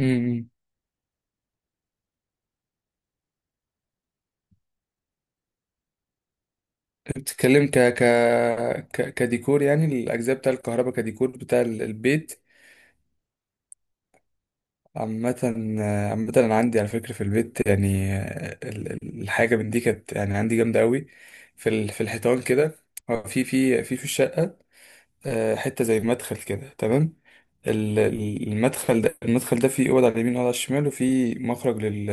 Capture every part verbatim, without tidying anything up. امم بتتكلم ك ك ك- كديكور، يعني الاجزاء بتاع الكهرباء كديكور بتاع ال- البيت عامة. آه، عامة انا عندي على فكرة في البيت، يعني آه، ال- ال- الحاجة من دي كانت يعني عندي جامدة قوي في ال- في الحيطان كده. هو في في في في الشقة آه، حتة زي مدخل كده، تمام. ال- ال- المدخل ده، المدخل ده فيه اوض على اليمين واوضه على الشمال، وفيه مخرج لل...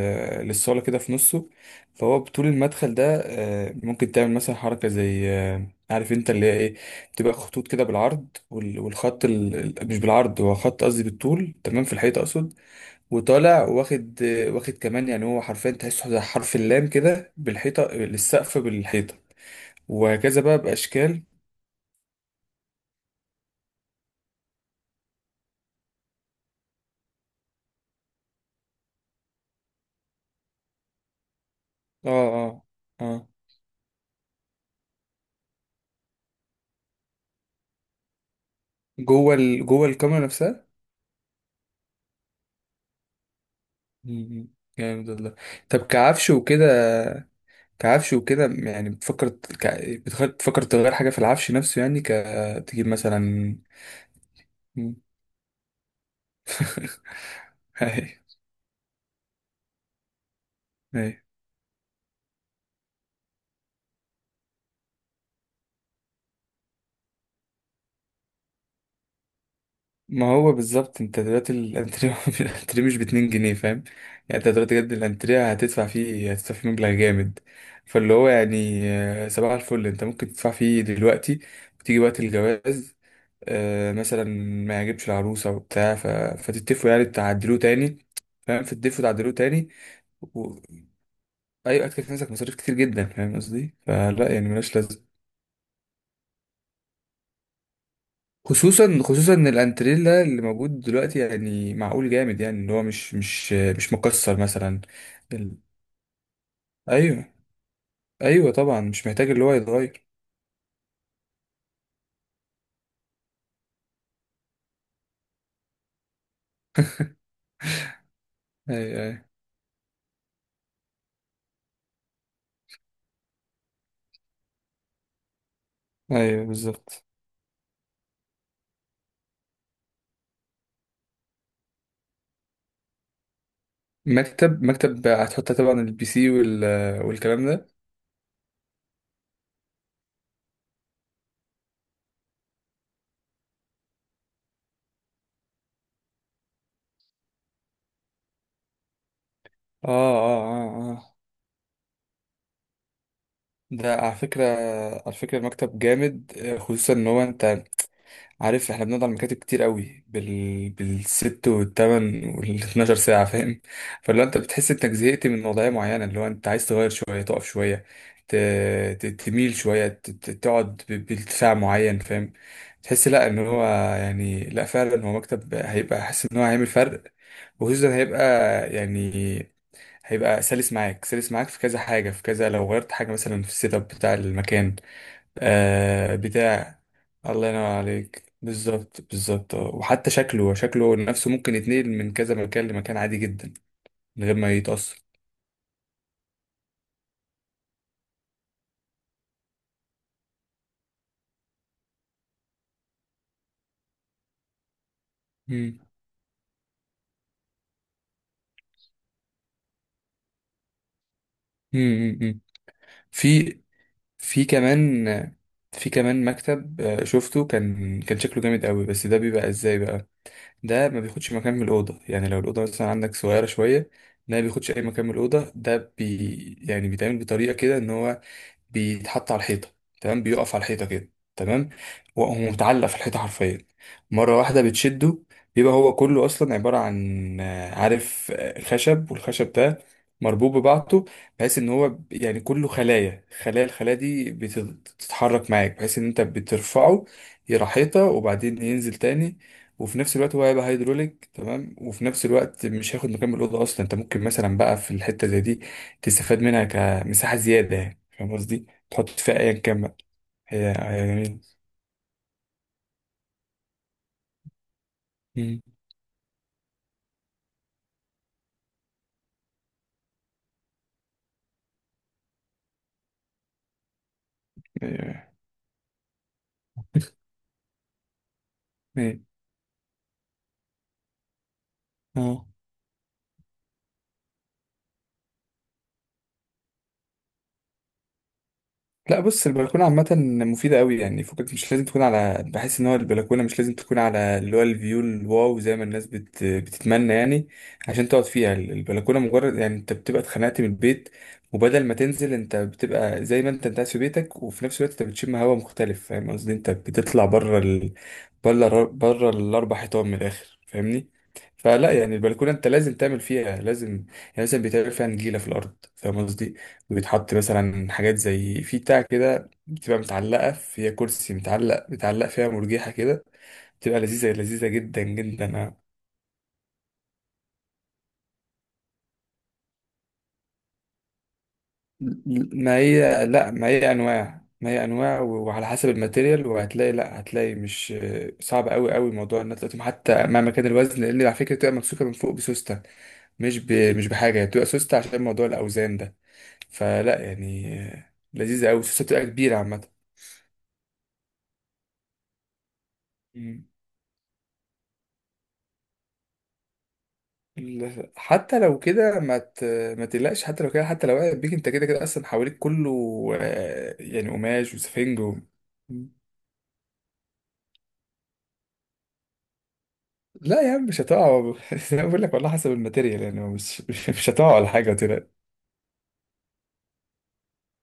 للصاله كده في نصه. فهو بطول المدخل ده، آه، ممكن تعمل مثلا حركه زي، آه، عارف انت اللي هي ايه، تبقى خطوط كده بالعرض وال- والخط ال... ال- مش بالعرض، هو خط قصدي بالطول، تمام، في الحيط اقصد، وطالع واخد، آه، واخد كمان، يعني هو حرفيا تحسه زي حرف اللام كده، بالحيطه للسقف بالحيطه، وهكذا بقى باشكال. اه اه اه جوه ال... جوه الكاميرا نفسها. مم. جامد والله. طب كعفش وكده، كعفش وكده يعني بتفكر ك... بتخ- بتفكر تغير حاجة في العفش نفسه، يعني ك، تجيب مثلا. مم. ايوه، ايوه، ما هو بالظبط انت دلوقتي الانتريه الانتريه مش باتنين جنيه، فاهم؟ يعني انت دلوقتي بجد الانتريه هتدفع فيه هتدفع فيه مبلغ جامد. فاللي هو يعني، آه، صباح الفل، انت ممكن تدفع فيه دلوقتي، وتيجي وقت الجواز، آه، مثلا ما يعجبش العروسة وبتاع ف... فتتفقوا يعني تعدلوه تاني، فاهم، فتتفقوا تعدلوه تاني و... أيوة، أكتب في نفسك مصاريف كتير جدا، فاهم قصدي؟ فلا يعني ملهاش لازمة. خصوصا خصوصا إن الانتريلا اللي موجود دلوقتي يعني معقول، جامد يعني، اللي هو مش مش مش مكسر مثلا. ال... أيوة، أيوة طبعا، مش محتاج اللي هو يتغير. أيوة، أيوة أيوة بالظبط. مكتب، مكتب هتحط طبعا البي سي وال... والكلام ده. اه اه اه آه. ده على فكرة، على فكرة المكتب جامد، آه، خصوصا ان هو انت عارف احنا بنقعد على المكاتب كتير قوي بال... بالست والتمن والاتناشر ساعة، فاهم؟ فلو انت بتحس انك زهقت من وضعية معينة، اللي هو انت عايز تغير شوية، تقف شوية، ت... ت... تميل شوية، ت... ت- تقعد ب... بارتفاع معين، فاهم؟ تحس لا ان هو يعني، لا فعلا هو مكتب هيبقى، حاسس ان هو هيعمل فرق. وخصوصا هيبقى يعني، هيبقى سلس معاك، سلس معاك في كذا حاجة، في كذا لو غيرت حاجة مثلا في السيت اب بتاع المكان، آه، بتاع. الله ينور عليك، بالظبط بالظبط، آه. وحتى شكله، شكله نفسه ممكن يتنقل من كذا مكان لمكان عادي جدا، من غير ما يتأثر. مم. مم. مم. في في كمان في كمان مكتب، آه، شفته كان كان شكله جامد قوي، بس ده بيبقى ازاي بقى؟ ده ما بياخدش مكان من الأوضة، يعني لو الأوضة مثلا عندك صغيرة شوية، ده ما بياخدش أي مكان من الأوضة. ده بي يعني بيتعمل بطريقة كده إن هو بيتحط على الحيطة، تمام، بيقف على الحيطة كده، تمام. وهو متعلق في الحيطة حرفيا، مرة واحدة بتشده، بيبقى هو كله أصلا عبارة عن، آه، عارف، آه، خشب، والخشب ده مربوط ببعضه، بحيث ان هو ب- يعني كله خلايا خلايا، الخلايا دي بتت- بتتحرك معاك، بحيث ان انت بترفعه، يروح حيطة وبعدين ينزل تاني. وفي نفس الوقت هو هيبقى هيدروليك، تمام، وفي نفس الوقت مش هياخد مكان من الأوضة أصلا، أنت ممكن مثلا بقى في الحتة زي دي تستفاد منها كمساحة زيادة، يعني فاهم قصدي؟ تحط فيها أيا كان بقى. هي هي جميلة. مم. إيه. إيه. اه. لا بص، البلكونه عامه مفيده قوي، يعني فكك مش لازم تكون على، بحس ان هو البلكونه مش لازم تكون على اللي هو الفيو الواو زي ما الناس بت... بتتمنى يعني عشان تقعد فيها. البلكونه مجرد يعني انت بتبقى اتخنقت من البيت، وبدل ما تنزل، انت بتبقى زي ما انت انت قاعد في بيتك، وفي نفس الوقت انت بتشم هواء مختلف، فاهم قصدي؟ انت بتطلع بره ال... بره، بره الاربع حيطان من الاخر، فاهمني؟ فلا يعني البلكونه انت لازم تعمل فيها، لازم يعني، لازم بيتعمل فيها نجيله في الارض، فاهم قصدي؟ بيتحط مثلا حاجات زي في بتاع كده، بتبقى متعلقة فيها كرسي متعلق، بيتعلق فيها مرجيحة كده، بتبقى لذيذة، لذيذة جدا جدا، أنا- ما هي لا، ما هي أنواع، ما هي أنواع و- وعلى حسب الماتيريال، وهتلاقي لا هتلاقي مش صعب أوي أوي موضوع إن أنت تقوم حتى مع مكان الوزن، لأن على فكرة بتبقى ممسوكة من فوق بسوستة، مش ب... مش بحاجة، هي بتبقى سوستة عشان موضوع الأوزان ده، فلا يعني، لذيذة أوي، السوستة بتبقى كبيرة. عامة ال- حتى لو كده ما ت... ما تقلقش، حتى لو كده، حتى لو وقعت بيك، انت كده كده اصلا حواليك كله، آه، يعني قماش وسفنج و... لا يا عم مش هتقع انا بقول لك والله، حسب الماتيريال يعني، مش مش مش هتقع ولا حاجه، وتقلق.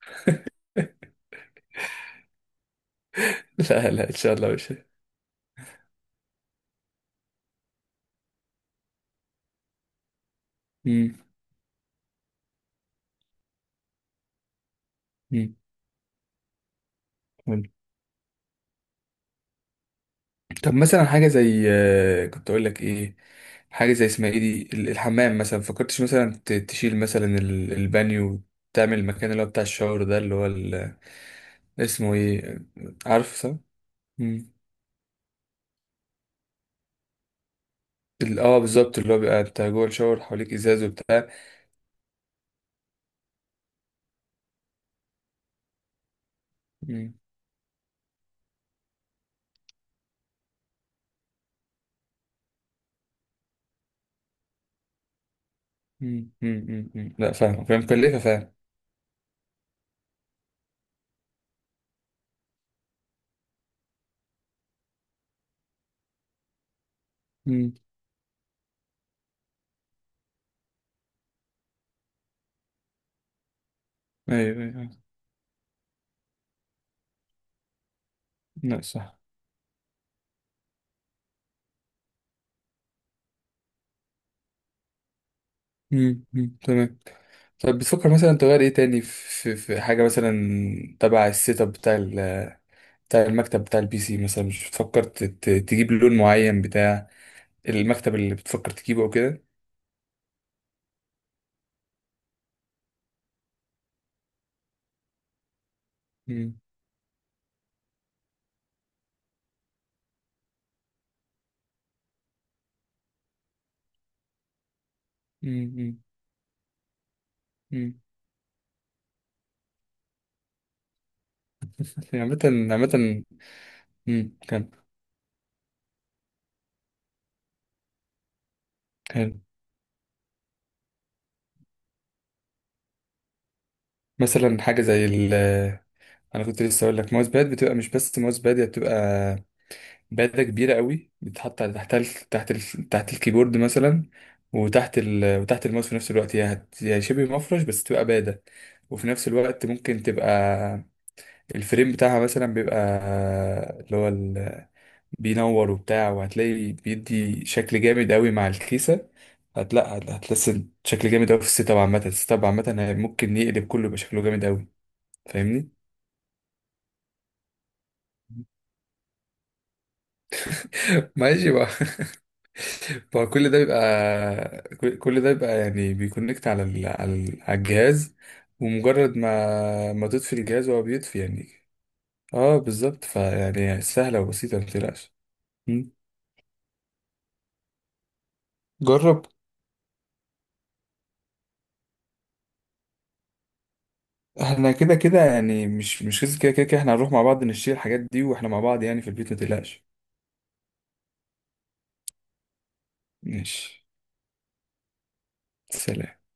لا لا ان شاء الله مش. مم. مم. حلو. طب مثلا حاجه زي، آه، كنت اقول لك ايه، حاجه زي اسمها ايه دي، ال- الحمام مثلا، فكرتش مثلا ت- تشيل مثلا ال- البانيو، تعمل المكان اللي هو بتاع الشاور ده، اللي هو ال- اسمه ايه؟ عارف، صح. مم. ال- اه بالظبط، اللي هو بيبقى انت جوه الشاور حواليك ازاز وبتاع. مم. مم. مم. مم. مم. لا فاهم، فاهم، مكلفة فعلا. مم. ايوه، ايوه، أيوة. لا صح. مم. مم. تمام. طب بتفكر مثلا تغير ايه تاني في في حاجة مثلا تبع السيت اب بتاع ال- بتاع المكتب، بتاع البي سي مثلا؟ مش بتفكر ت- ت- تجيب لون معين بتاع المكتب اللي بتفكر تجيبه او كده؟ مم. مم. مم. مم. عامة، عامة. مم. كان، كان مثلا حاجة زي ال، انا كنت لسه اقول لك، ماوس باد. بتبقى مش بس ماوس باد، هي بتبقى باده كبيره قوي، بتتحط على تحت ال... تحت ال... تحت الكيبورد مثلا، وتحت ال... وتحت الماوس في نفس الوقت. هي هت... هي شبه مفرش، بس تبقى باده. وفي نفس الوقت ممكن تبقى الفريم بتاعها مثلا بيبقى اللي هو ال... بينور وبتاع، وهتلاقي بيدي شكل جامد قوي مع الكيسه. هتلا هت- هتحس شكل جامد قوي في السيت اب عامه، السيت اب عامه ممكن يقلب كله، يبقى شكله جامد قوي. فاهمني؟ ماشي بقى. فكل ده بيبقى، كل كل ده بيبقى يعني بيكونكت على ال... على ال... على الجهاز، ومجرد ما ما تطفي الجهاز هو بيطفي يعني. اه بالظبط، فيعني سهلة وبسيطة، ما تقلقش. مم. جرب. احنا كده كده يعني، مش مش كده كده كده كده احنا هنروح مع بعض نشتري الحاجات دي واحنا مع بعض يعني في البيت، ما تقلقش. ماشي. سلام.